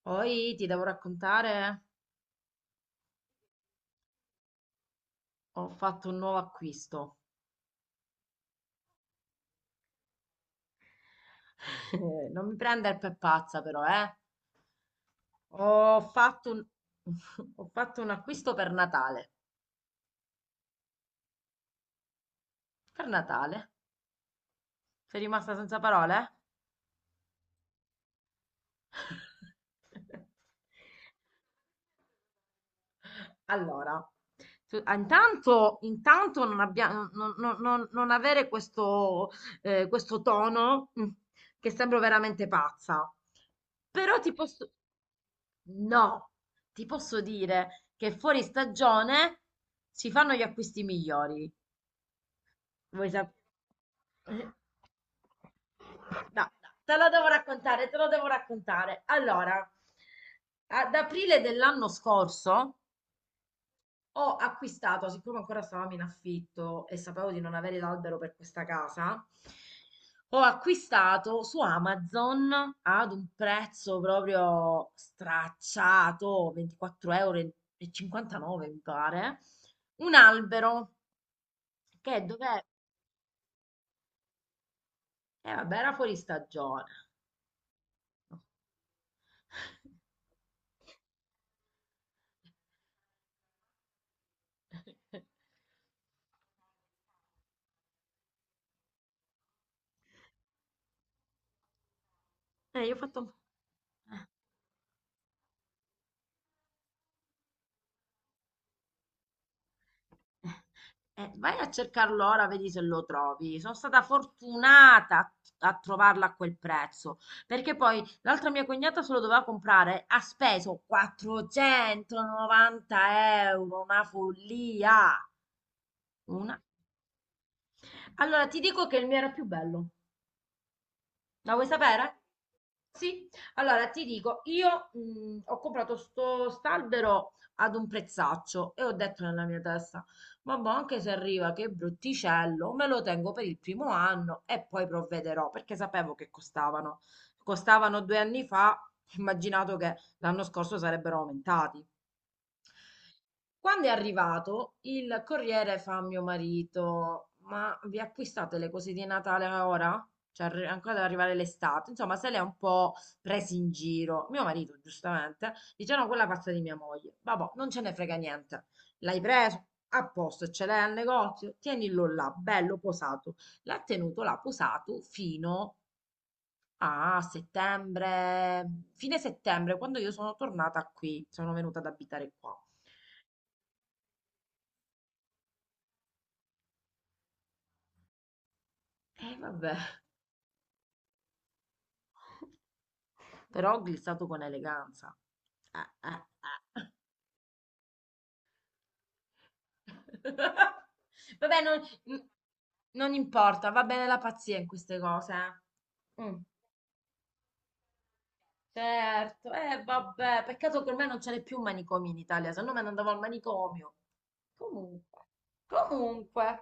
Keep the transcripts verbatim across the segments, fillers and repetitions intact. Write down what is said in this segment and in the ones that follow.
Poi ti devo raccontare, ho fatto un nuovo acquisto. Eh, non mi prendere per pazza però, eh. Ho fatto un... ho fatto un acquisto per Natale. Per Natale? Sei rimasta senza parole? Allora, tu- ah, intanto, intanto non, abbia- non- non- non- non avere questo, eh, questo tono mm, che sembro veramente pazza. Però ti posso... No, ti posso dire che fuori stagione si fanno gli acquisti migliori. Vuoi sapere? No, no, te lo devo raccontare, te lo devo raccontare. Allora, ad aprile dell'anno scorso ho acquistato, siccome ancora stavamo in affitto e sapevo di non avere l'albero per questa casa, ho acquistato su Amazon ad un prezzo proprio stracciato, ventiquattro euro e cinquantanove mi pare, un albero che dove... Eh vabbè, era fuori stagione. Eh, io ho fatto un po'. Eh, vai a cercarlo ora, vedi se lo trovi. Sono stata fortunata a a trovarla a quel prezzo, perché poi l'altra mia cognata se lo doveva comprare, ha speso quattrocentonovanta euro, una follia. Una... Allora ti dico che il mio era più bello. La vuoi sapere? Sì, allora ti dico, io mh, ho comprato sto st'albero ad un prezzaccio e ho detto nella mia testa, vabbè, anche se arriva che brutticello, me lo tengo per il primo anno e poi provvederò, perché sapevo che costavano. Costavano due anni fa, ho immaginato che l'anno scorso sarebbero aumentati. Quando è arrivato, il corriere fa a mio marito: Ma vi acquistate le cose di Natale ora? Cioè, arri- ancora deve arrivare l'estate. Insomma, se le ha un po' presi in giro. Mio marito, giustamente, dice: No, quella pazza di mia moglie. Vabbè, non ce ne frega niente. L'hai preso? A posto, ce l'hai al negozio? Tienilo là, bello posato. L'ha tenuto là posato fino a settembre, fine settembre, quando io sono tornata qui, sono venuta ad abitare qua. E vabbè, però glissato con eleganza. Eh, eh, eh. Vabbè, non, n- non importa, va bene la pazzia in queste cose. eh. Mm, certo, eh, vabbè, peccato che ormai non ce n'è più un manicomio in Italia, se no me ne andavo al manicomio. Comunque, comunque.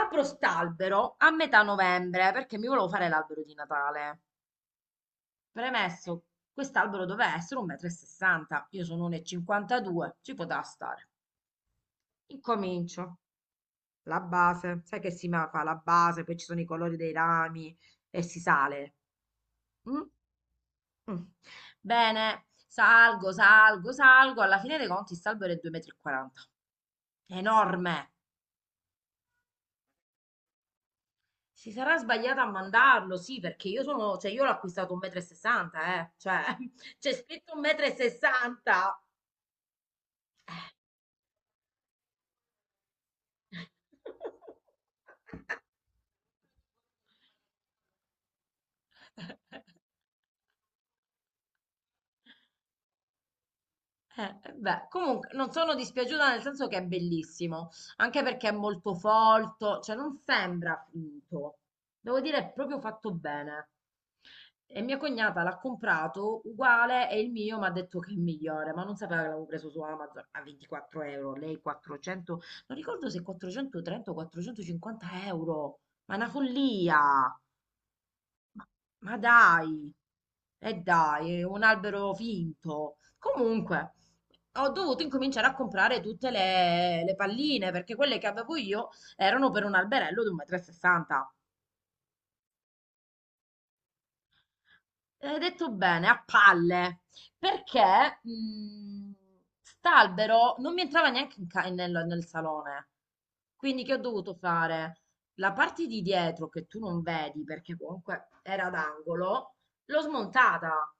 Apro st'albero a metà novembre perché mi volevo fare l'albero di Natale. Premesso, quest'albero doveva essere uno e sessanta m. Io sono uno e cinquantadue m, ci poteva stare. Incomincio, la base, sai che si ma- fa la base, poi ci sono i colori dei rami e si sale. Mm? Mm. Bene, salgo, salgo, salgo, alla fine dei conti salvo è due e quaranta m. Enorme! Si sarà sbagliata a mandarlo, sì, perché io sono, cioè io l'ho acquistato uno e sessanta m, eh, cioè c'è scritto uno e sessanta m. Eh, eh, beh, comunque non sono dispiaciuta nel senso che è bellissimo, anche perché è molto folto, cioè non sembra finto. Devo dire, è proprio fatto bene. E mia cognata l'ha comprato uguale e il mio mi ha detto che è migliore, ma non sapeva che l'avevo preso su Amazon a ventiquattro euro, lei quattrocento, non ricordo se quattrocentotrenta o quattrocentocinquanta euro, ma è una follia. Ma dai, e dai, è un albero finto. Comunque, ho dovuto incominciare a comprare tutte le, le palline perché quelle che avevo io erano per un alberello di uno e sessanta m. Hai detto bene, a palle, perché mh, st'albero non mi entrava neanche in ca- nel, nel salone. Quindi che ho dovuto fare? La parte di dietro che tu non vedi perché comunque era d'angolo, l'ho smontata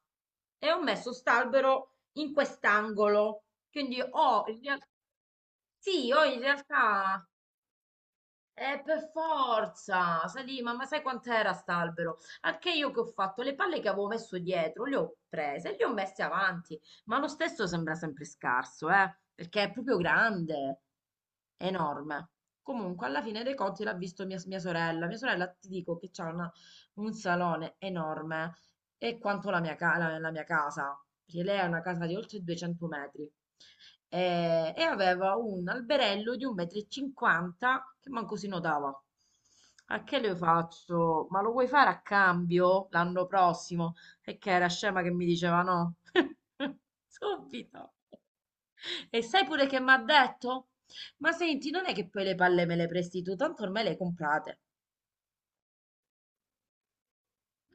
e ho messo st'albero in quest'angolo. Quindi ho in real- sì, ho in realtà eh, per forza, sai, di- ma, ma sai quant'era st'albero? Anche io che ho fatto le palle che avevo messo dietro, le ho prese e le ho messe avanti, ma lo stesso sembra sempre scarso, eh, perché è proprio grande, enorme. Comunque, alla fine dei conti l'ha visto mia, mia sorella. Mia sorella, ti dico che c'ha una- un salone enorme e quanto la mia, ca- la- la mia casa, perché lei ha una casa di oltre duecento metri e, e aveva un alberello di uno e cinquanta m che manco si notava. A che le faccio? Ma lo vuoi fare a cambio l'anno prossimo? E che era scema che mi diceva no. Subito. E sai pure che mi ha detto? Ma senti, non è che poi le palle me le presti tu, tanto ormai le comprate.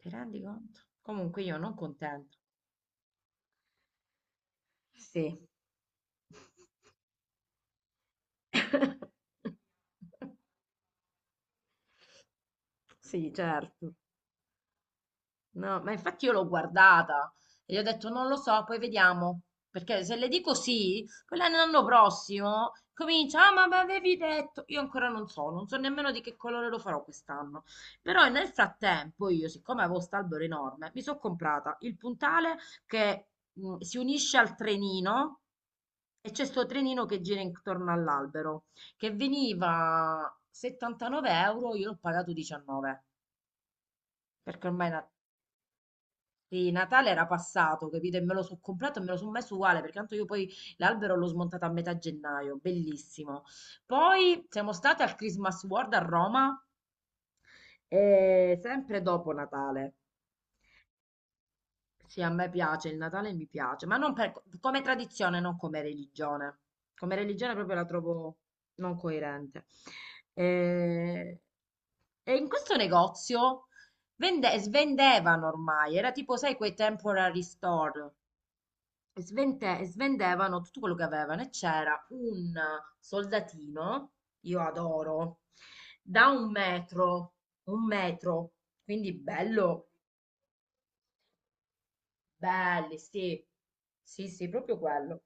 Ti rendi conto? Comunque io non contenta. Sì. Sì, certo. No, ma infatti io l'ho guardata e gli ho detto non lo so, poi vediamo. Perché se le dico sì, poi l'anno prossimo comincia, ah, ma mi avevi detto. Io ancora non so, non so nemmeno di che colore lo farò quest'anno. Però nel frattempo io, siccome avevo st'albero enorme, mi sono comprata il puntale che mh, si unisce al trenino e c'è sto trenino che gira intorno all'albero, che veniva settantanove euro, io l'ho pagato diciannove, perché ormai sì, Natale era passato, capito? E me lo sono comprato e me lo sono messo uguale, perché tanto io poi l'albero l'ho smontato a metà gennaio, bellissimo. Poi siamo state al Christmas World a Roma, e sempre dopo Natale. Sì, a me piace, il Natale mi piace, ma non per- come tradizione, non come religione. Come religione proprio la trovo non coerente. E, e in questo negozio vende- svendevano ormai, era tipo, sai, quei temporary store. svente- e svendevano tutto quello che avevano e c'era un soldatino, io adoro, da un metro, un metro, quindi bello, belli, sì, sì, sì, proprio quello.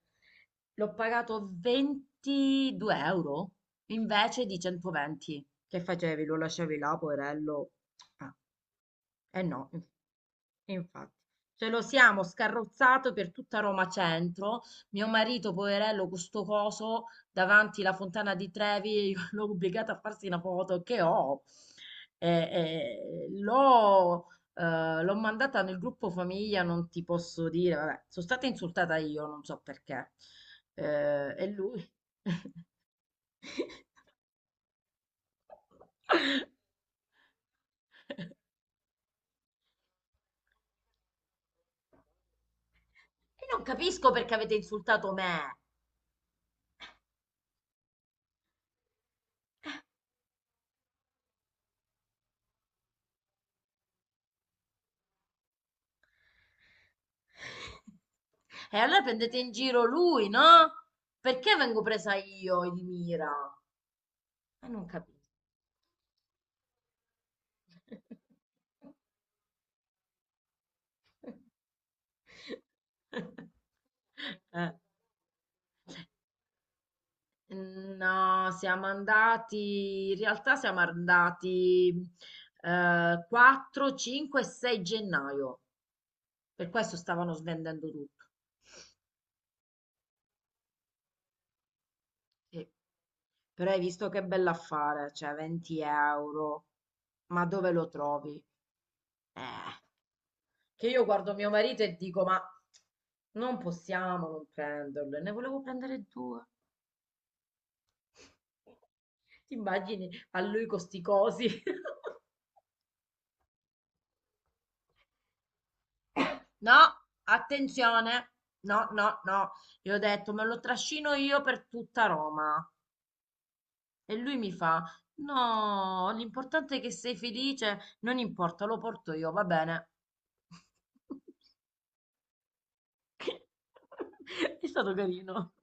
L'ho pagato ventidue euro invece di centoventi che facevi, lo lasciavi là, poverello. Ah, eh no. Infatti, ce lo siamo scarrozzato per tutta Roma Centro. Mio marito, poverello, con sto coso davanti la fontana di Trevi, io l'ho obbligato a farsi una foto che ho. E- e l'ho eh, l'ho mandata nel gruppo famiglia, non ti posso dire. Vabbè, sono stata insultata io, non so perché. Eh, e lui. E non capisco perché avete insultato me. E allora prendete in giro lui, no? Perché vengo presa io di mira? E non capisco. Eh, No, siamo andati, in realtà siamo andati eh, quattro, cinque e sei gennaio, per questo stavano svendendo tutto. Sì. Però hai visto che bell'affare, cioè venti euro, ma dove lo trovi? Eh. Che io guardo mio marito e dico, ma non possiamo non prenderlo. E ne volevo prendere due. Ti immagini a lui con sti cosi? No, attenzione. No, no, no. Io ho detto, me lo trascino io per tutta Roma. E lui mi fa, no, l'importante è che sei felice. Non importa, lo porto io, va bene. È stato carino.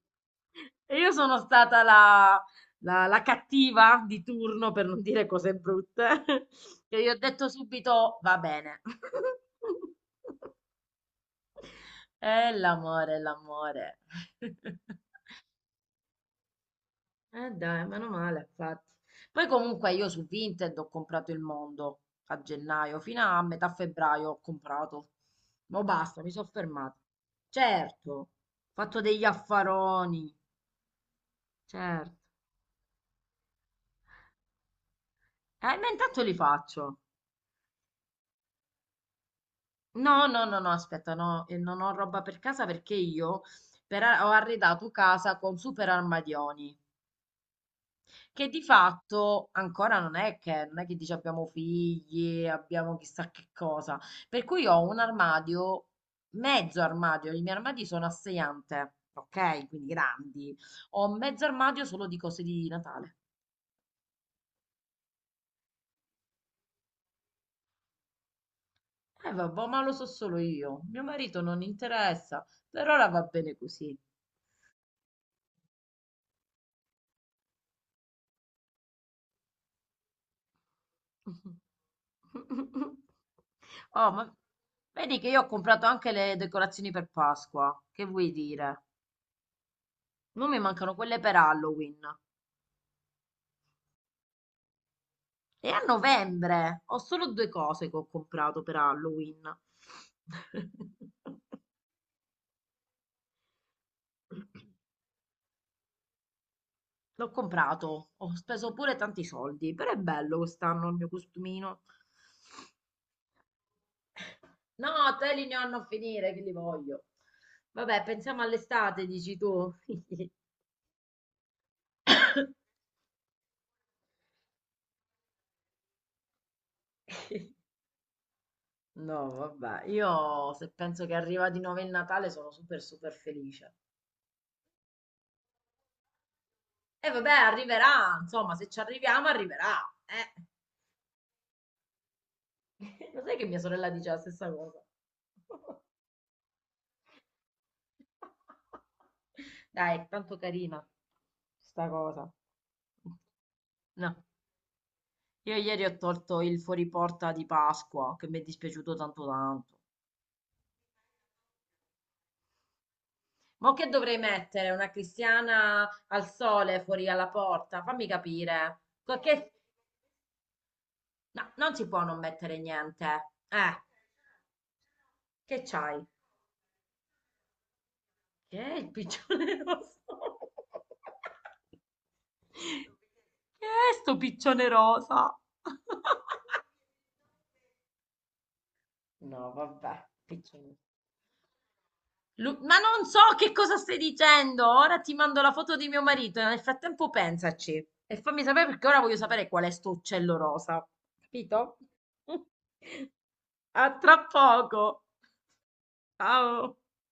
E io sono stata la, la- la cattiva di turno, per non dire cose brutte, che gli ho detto subito va bene. Eh, l'amore, l'amore. Eh dai, meno male, infatti. Poi comunque io su Vinted ho comprato il mondo a gennaio, fino a metà febbraio ho comprato. Ma basta, mi sono fermata. Certo, ho fatto degli affaroni, certo. Eh, ma intanto li faccio. No, no, no, no, aspetta, no, eh, non ho roba per casa perché io per a- ho arredato casa con super armadioni, che di fatto ancora non è che, non è che dici abbiamo figli, abbiamo chissà che cosa, per cui ho un armadio, mezzo armadio, i miei armadi sono a sei ante, ok? Quindi grandi, ho mezzo armadio solo di cose di Natale. Eh vabbè, ma lo so solo io, mio marito non interessa, per ora va bene così. Oh, ma vedi che io ho comprato anche le decorazioni per Pasqua. Che vuoi dire? Non mi mancano quelle per Halloween. E a novembre ho solo due cose che ho comprato per Halloween. L'ho comprato, ho speso pure tanti soldi, però è bello quest'anno il mio costumino. No, te li ne hanno a finire, che li voglio. Vabbè, pensiamo all'estate, dici tu. No, vabbè, io se penso che arriva di nuovo il Natale sono super super felice. E vabbè, arriverà, insomma, se ci arriviamo arriverà, eh. Lo sai che mia sorella dice la stessa cosa? Dai, è tanto carina sta cosa. No, io ieri ho tolto il fuoriporta di Pasqua, che mi è dispiaciuto tanto tanto. Ma che dovrei mettere? Una cristiana al sole fuori alla porta? Fammi capire. Co- Che, No, non si può non mettere niente. Eh, che c'hai? Che è il piccione rosso? Che è sto piccione rosa? No, vabbè, piccione. Lu- Ma non so che cosa stai dicendo. Ora ti mando la foto di mio marito. Nel frattempo pensaci e fammi sapere perché ora voglio sapere qual è sto uccello rosa. Capito? A tra poco. Ciao.